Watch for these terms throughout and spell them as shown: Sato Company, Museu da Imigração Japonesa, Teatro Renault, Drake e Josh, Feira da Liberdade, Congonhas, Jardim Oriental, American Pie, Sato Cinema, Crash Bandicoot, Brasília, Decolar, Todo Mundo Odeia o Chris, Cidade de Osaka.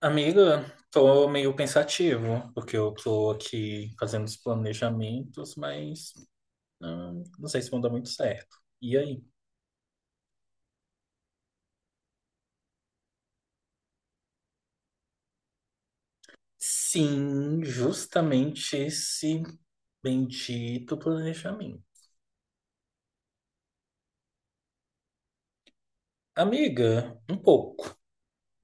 Amiga, tô meio pensativo, porque eu tô aqui fazendo os planejamentos, mas não sei se vão dar muito certo. E aí? Sim, justamente esse bendito planejamento. Amiga, um pouco.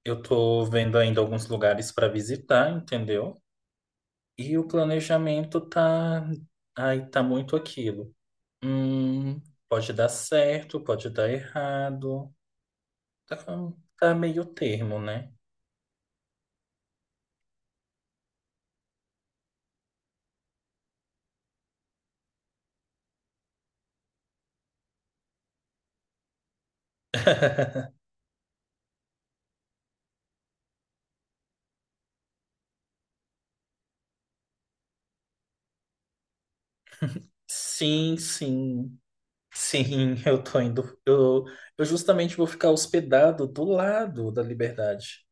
Eu tô vendo ainda alguns lugares para visitar, entendeu? E o planejamento tá. Ai, tá muito aquilo. Hum, Pode dar certo, pode dar errado. Tá, tá meio termo, né? Sim, sim, sim, eu tô indo. Eu justamente vou ficar hospedado do lado da Liberdade.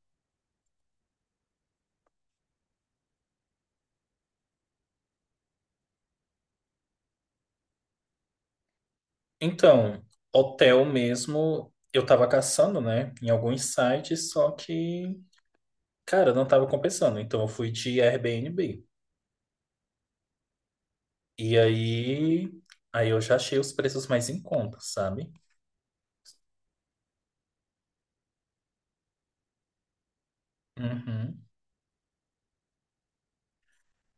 Então, hotel mesmo, eu tava caçando, né, em alguns sites, só que, cara, não tava compensando. Então, eu fui de Airbnb. E aí, eu já achei os preços mais em conta, sabe? Uhum.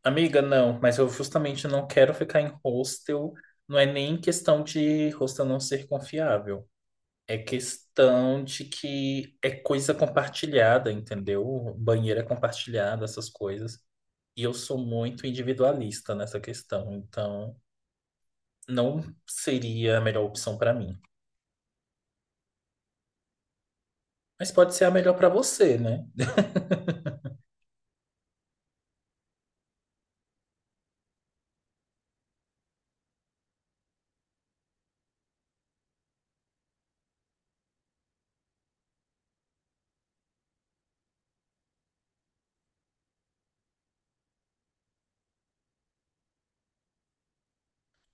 Amiga, não, mas eu justamente não quero ficar em hostel. Não é nem questão de hostel não ser confiável. É questão de que é coisa compartilhada, entendeu? Banheiro é compartilhado, essas coisas. E eu sou muito individualista nessa questão, então não seria a melhor opção para mim. Mas pode ser a melhor para você, né?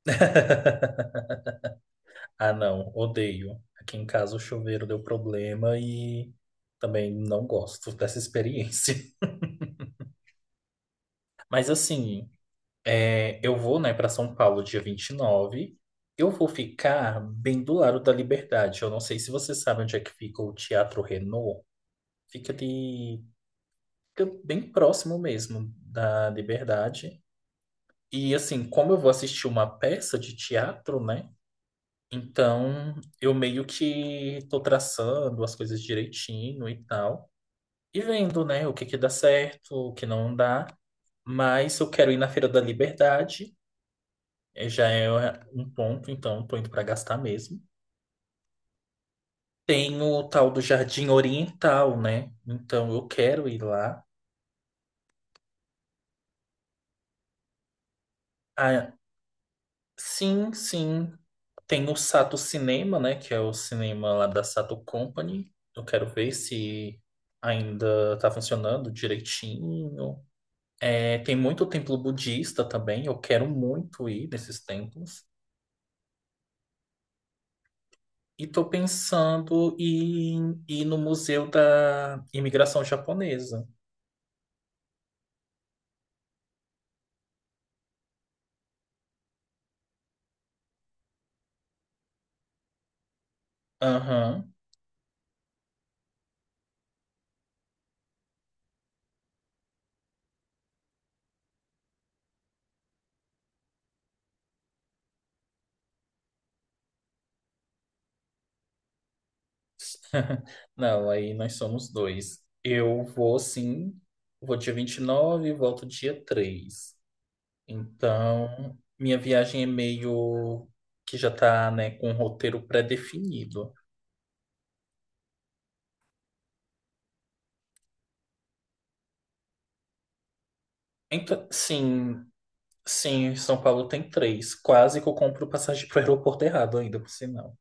Ah, não, odeio. Aqui em casa o chuveiro deu problema e também não gosto dessa experiência. Mas assim, é, eu vou, né, para São Paulo dia 29. Eu vou ficar bem do lado da Liberdade. Eu não sei se você sabe onde é que fica o Teatro Renault. Fica de Fica bem próximo mesmo da Liberdade. E assim, como eu vou assistir uma peça de teatro, né? Então, eu meio que tô traçando as coisas direitinho e tal. E vendo, né, o que que dá certo, o que não dá. Mas eu quero ir na Feira da Liberdade. É, já é um ponto, então tô indo para gastar mesmo. Tem o tal do Jardim Oriental, né? Então eu quero ir lá. Ah, sim, sim. Tem o Sato Cinema, né? Que é o cinema lá da Sato Company. Eu quero ver se ainda tá funcionando direitinho. É, tem muito templo budista também. Eu quero muito ir nesses templos. E tô pensando em ir no Museu da Imigração Japonesa. Aham. Não, aí nós somos dois. Eu vou sim, vou dia 29 e volto dia 3. Então, minha viagem é meio que já tá, né, com um roteiro pré-definido. Então, sim, sim, São Paulo tem três. Quase que eu compro passagem pro aeroporto errado ainda, por sinal.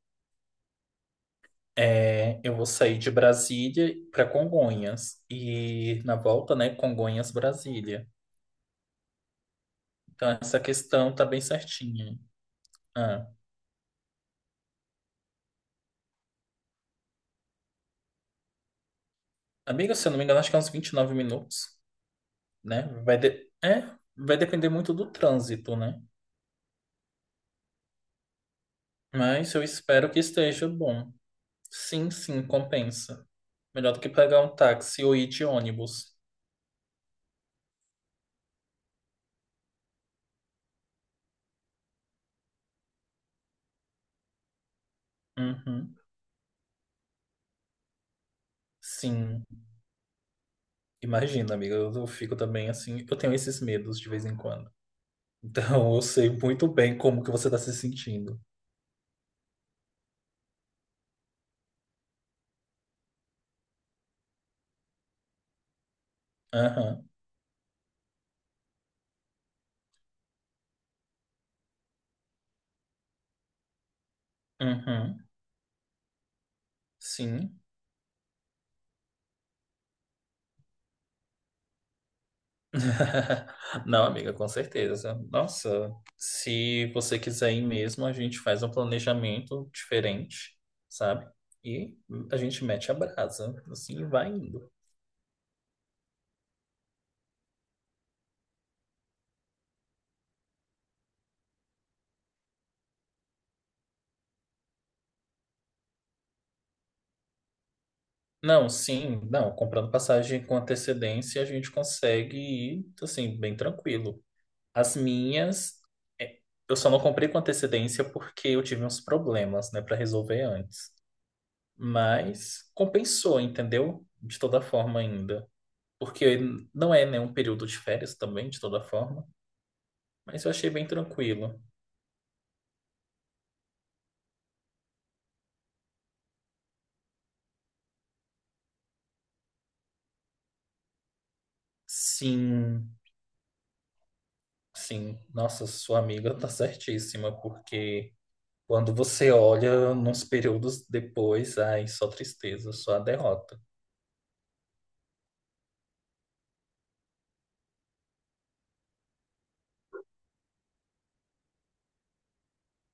É, eu vou sair de Brasília para Congonhas e na volta, né, Congonhas, Brasília. Então, essa questão tá bem certinha. Ah. Amiga, se eu não me engano, acho que é uns 29 minutos, né? Vai de... É, vai depender muito do trânsito, né? Mas eu espero que esteja bom. Sim, sim, compensa. Melhor do que pegar um táxi ou ir de ônibus. Uhum. Sim. Imagina, amiga, eu fico também assim. Eu tenho esses medos de vez em quando. Então eu sei muito bem como que você está se sentindo. Aham. Uhum. Sim. Não, amiga, com certeza. Nossa, se você quiser ir mesmo, a gente faz um planejamento diferente, sabe? E a gente mete a brasa, assim, e vai indo. Não, sim, não, comprando passagem com antecedência, a gente consegue ir, assim, bem tranquilo. As minhas, é, eu só não comprei com antecedência porque eu tive uns problemas, né, para resolver antes. Mas compensou, entendeu? De toda forma ainda. Porque não é né, um período de férias também, de toda forma, mas eu achei bem tranquilo. Sim, sim, nossa, sua amiga tá certíssima, porque quando você olha nos períodos depois, ai, só tristeza, só a derrota.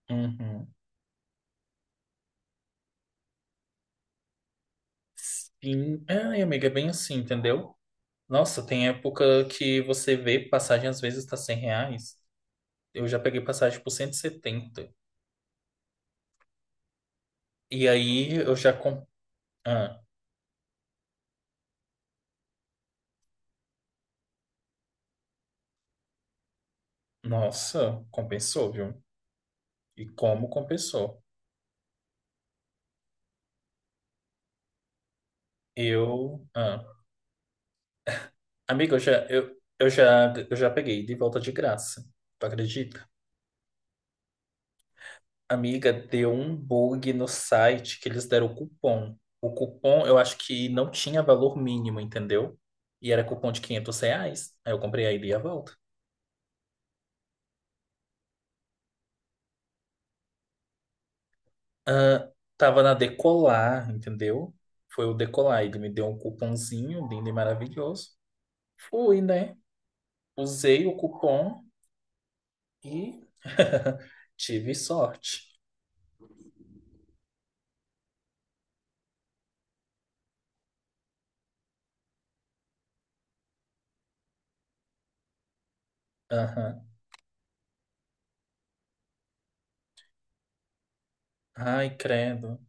Uhum. Sim, ai, amiga, é bem assim, entendeu? Nossa, tem época que você vê passagem às vezes tá R$ 100. Eu já peguei passagem por 170 e aí eu já. Com... Ah, nossa, compensou, viu? E como compensou? Eu. Ah. Amiga, eu já peguei de volta de graça. Tu acredita? Amiga, deu um bug no site que eles deram o cupom. O cupom, eu acho que não tinha valor mínimo, entendeu? E era cupom de R$ 500. Aí eu comprei a ida e a volta. Ah, tava na Decolar, entendeu? Foi o Decolar. Ele me deu um cupomzinho lindo e maravilhoso. Fui, né? Usei o cupom e tive sorte. Aham. Ai, credo.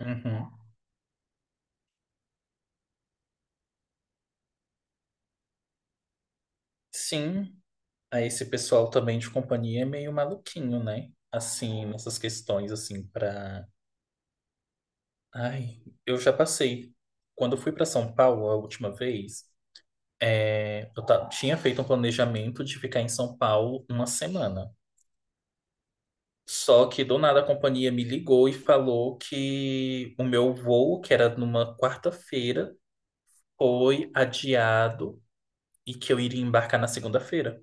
Uhum. Sim, aí esse pessoal também de companhia é meio maluquinho, né? Assim, nessas questões, assim, pra... Ai, eu já passei. Quando eu fui pra São Paulo a última vez, é, eu tinha feito um planejamento de ficar em São Paulo uma semana. Só que do nada a companhia me ligou e falou que o meu voo, que era numa quarta-feira, foi adiado e que eu iria embarcar na segunda-feira.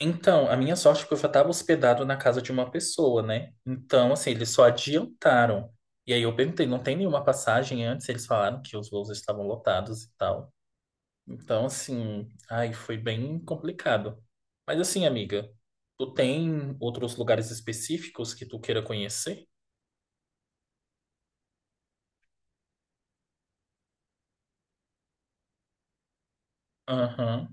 Então, a minha sorte foi que eu já estava hospedado na casa de uma pessoa, né? Então, assim, eles só adiantaram. E aí eu perguntei, não tem nenhuma passagem antes? Eles falaram que os voos estavam lotados e tal. Então, assim, ai, foi bem complicado. Mas assim, amiga, tu tem outros lugares específicos que tu queira conhecer? Aham,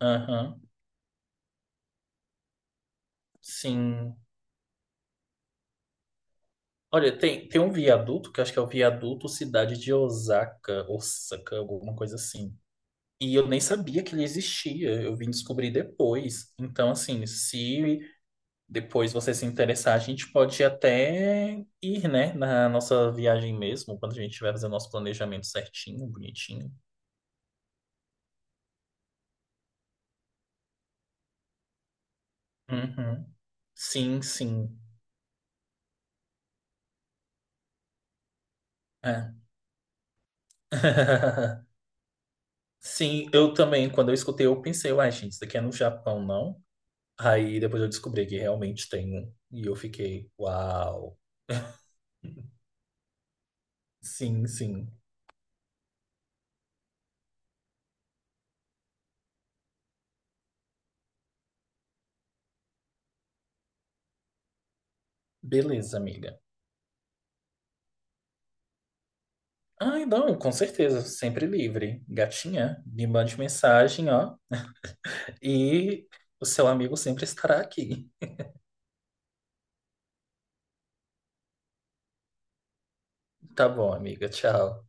aham, sim. Olha, tem um viaduto, que eu acho que é o viaduto Cidade de Osaka, Osaka, alguma coisa assim. E eu nem sabia que ele existia, eu vim descobrir depois. Então, assim, se depois você se interessar, a gente pode até ir, né, na nossa viagem mesmo, quando a gente tiver fazendo nosso planejamento certinho, bonitinho. Uhum. Sim, sim. É. Sim, eu também, quando eu escutei, eu pensei, uai, gente, isso daqui é no Japão, não? Aí depois eu descobri que realmente tem um. E eu fiquei, uau. Sim, sim. Beleza, amiga. Ai, não, com certeza, sempre livre. Gatinha, me mande mensagem, ó, e o seu amigo sempre estará aqui. Tá bom, amiga, tchau.